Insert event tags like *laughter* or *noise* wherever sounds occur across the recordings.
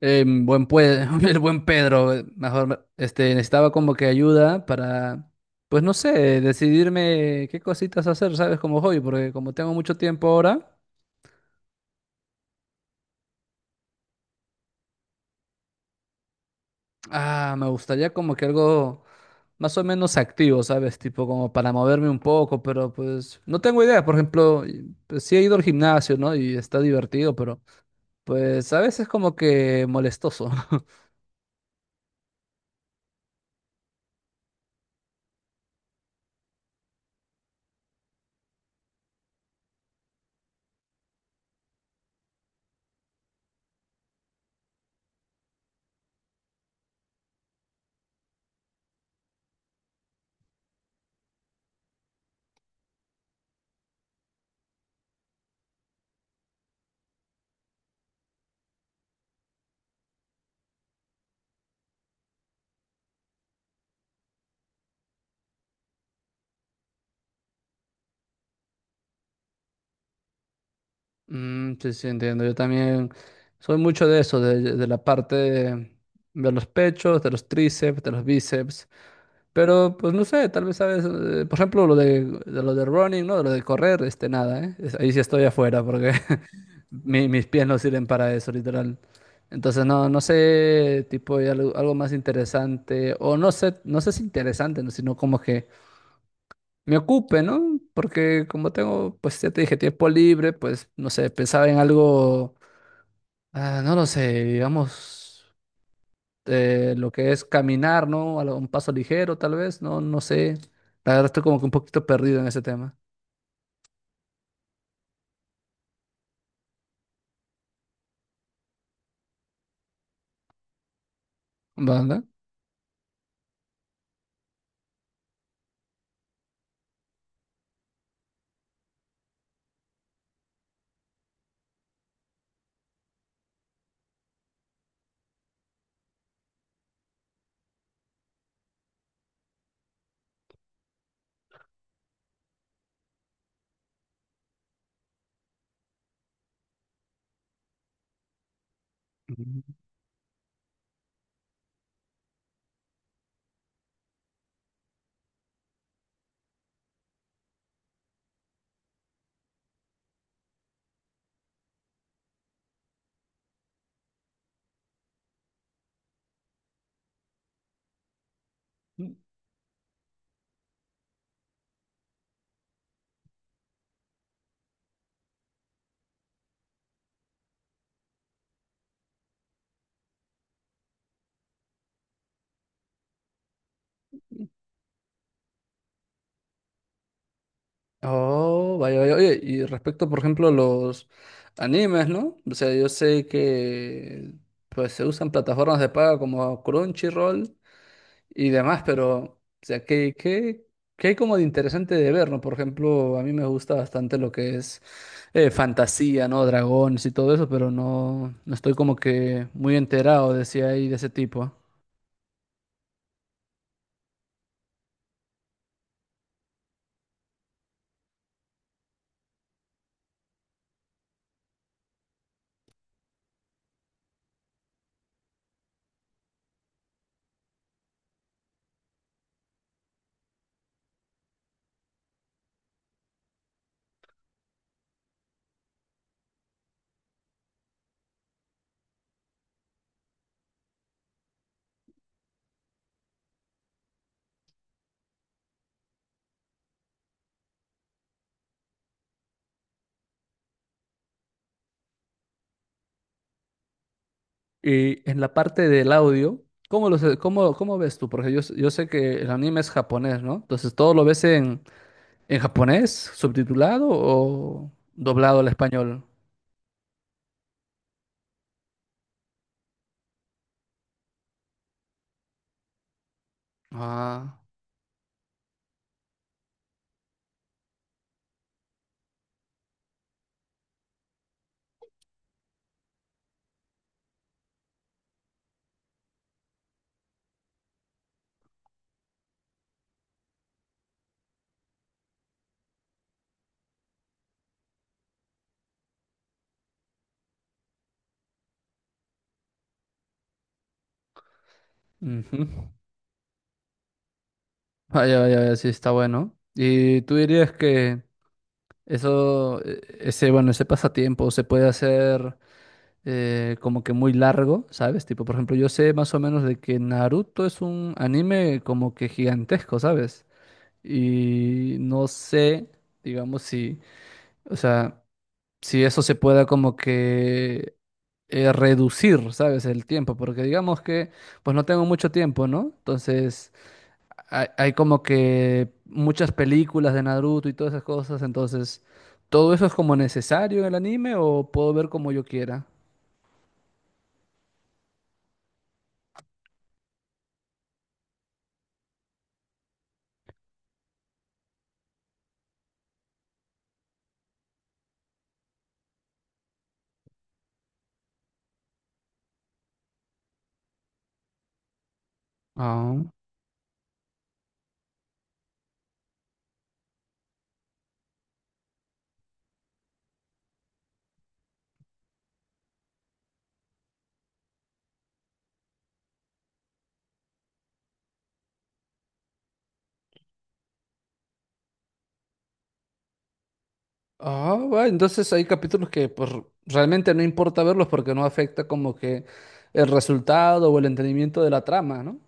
*laughs* El buen Pedro, mejor, necesitaba como que ayuda para, pues no sé, decidirme qué cositas hacer, ¿sabes? Como hobby, porque como tengo mucho tiempo ahora, me gustaría como que algo más o menos activo, ¿sabes? Tipo como para moverme un poco, pero pues no tengo idea. Por ejemplo, pues, sí he ido al gimnasio, ¿no? Y está divertido, pero pues a veces como que molestoso. Mm, sí, sí, entiendo. Yo también soy mucho de eso, de la parte de los pechos, de los tríceps, de los bíceps. Pero, pues no sé, tal vez sabes, por ejemplo, de lo de running, ¿no? De lo de correr, este, nada, ¿eh? Ahí sí estoy afuera porque *laughs* mis pies no sirven para eso, literal. Entonces, no, no sé, tipo, hay algo, algo más interesante, o no sé, no sé si interesante, ¿no? Sino como que me ocupe, ¿no? Porque como tengo, pues ya te dije, tiempo libre, pues no sé, pensaba en algo, no lo sé, digamos, lo que es caminar, ¿no? A un paso ligero, tal vez, no, no sé. La verdad estoy como que un poquito perdido en ese tema. ¿Verdad? Ujú. Oh, vaya, vaya. Oye, y respecto, por ejemplo, a los animes, ¿no? O sea, yo sé que pues se usan plataformas de paga como Crunchyroll y demás, pero, o sea, ¿qué, qué, qué hay como de interesante de ver, ¿no? Por ejemplo, a mí me gusta bastante lo que es fantasía, ¿no? Dragones y todo eso, pero no, no estoy como que muy enterado de si hay de ese tipo. Y en la parte del audio, ¿cómo, cómo, cómo ves tú? Porque yo, yo sé que el anime es japonés, ¿no? Entonces, ¿todo lo ves en japonés, subtitulado o doblado al español? Ah, ujú. Vaya, vaya, vaya, sí, está bueno. ¿Y tú dirías que eso, ese, bueno, ese pasatiempo se puede hacer como que muy largo, ¿sabes? Tipo, por ejemplo, yo sé más o menos de que Naruto es un anime como que gigantesco, ¿sabes? Y no sé, digamos, si, o sea, si eso se pueda como que reducir, ¿sabes? El tiempo, porque digamos que, pues no tengo mucho tiempo, ¿no? Entonces hay como que muchas películas de Naruto y todas esas cosas, entonces, ¿todo eso es como necesario en el anime o puedo ver como yo quiera? Ah, ah, bueno, entonces hay capítulos que pues realmente no importa verlos porque no afecta como que el resultado o el entendimiento de la trama, ¿no?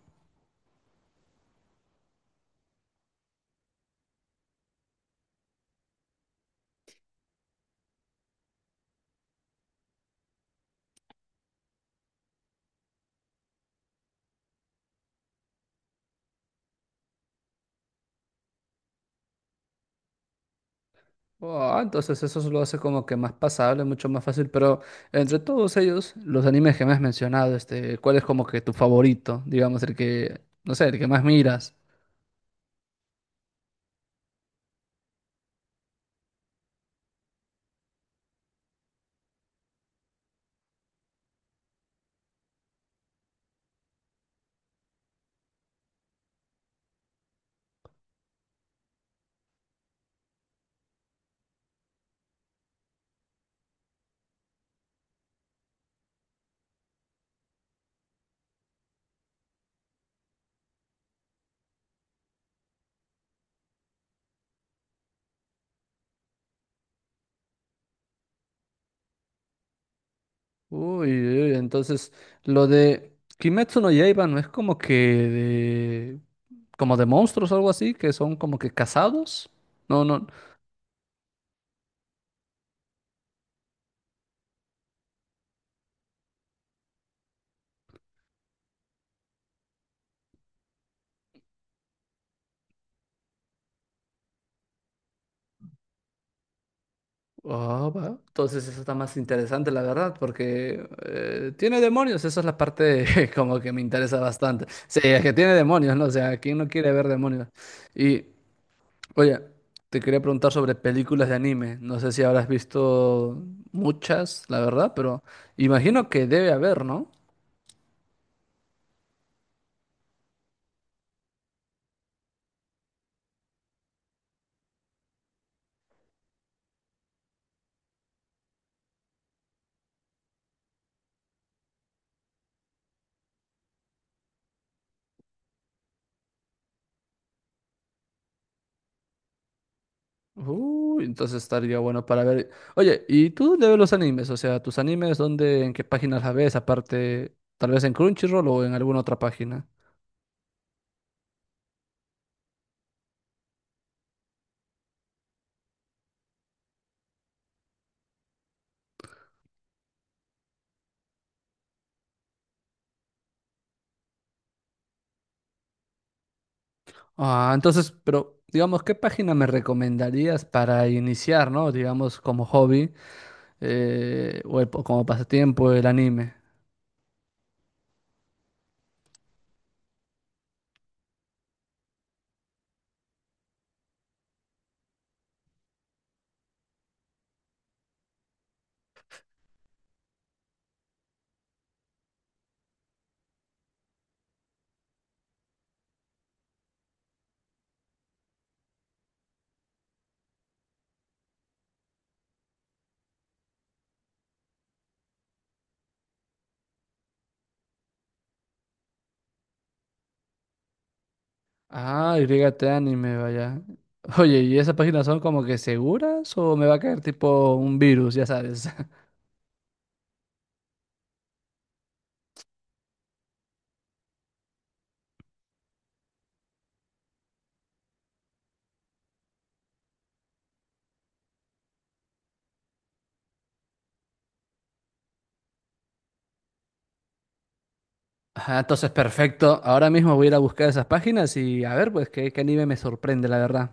Ah, entonces eso lo hace como que más pasable, mucho más fácil, pero entre todos ellos, los animes que me has mencionado, este, ¿cuál es como que tu favorito? Digamos, el que, no sé, el que más miras. Uy, uy, entonces lo de Kimetsu no Yaiba no es como que de, como de monstruos o algo así, que son como que casados. No, no. Ah, va. Entonces eso está más interesante, la verdad, porque tiene demonios. Esa es la parte *laughs* como que me interesa bastante. Sí, es que tiene demonios, ¿no? O sea, ¿quién no quiere ver demonios? Y, oye, te quería preguntar sobre películas de anime. No sé si habrás visto muchas, la verdad, pero imagino que debe haber, ¿no? Uy, entonces estaría bueno para ver. Oye, ¿y tú de ver los animes? O sea, ¿tus animes dónde, en qué páginas las ves? Aparte, tal vez en Crunchyroll o en alguna otra página. Ah, entonces, pero digamos, ¿qué página me recomendarías para iniciar, ¿no? Digamos, como hobby o como pasatiempo el anime. Ah, YT Anime, vaya. Oye, ¿y esas páginas son como que seguras o me va a caer tipo un virus, ya sabes? Ajá, entonces perfecto. Ahora mismo voy a ir a buscar esas páginas y a ver, pues, qué, qué anime me sorprende, la verdad.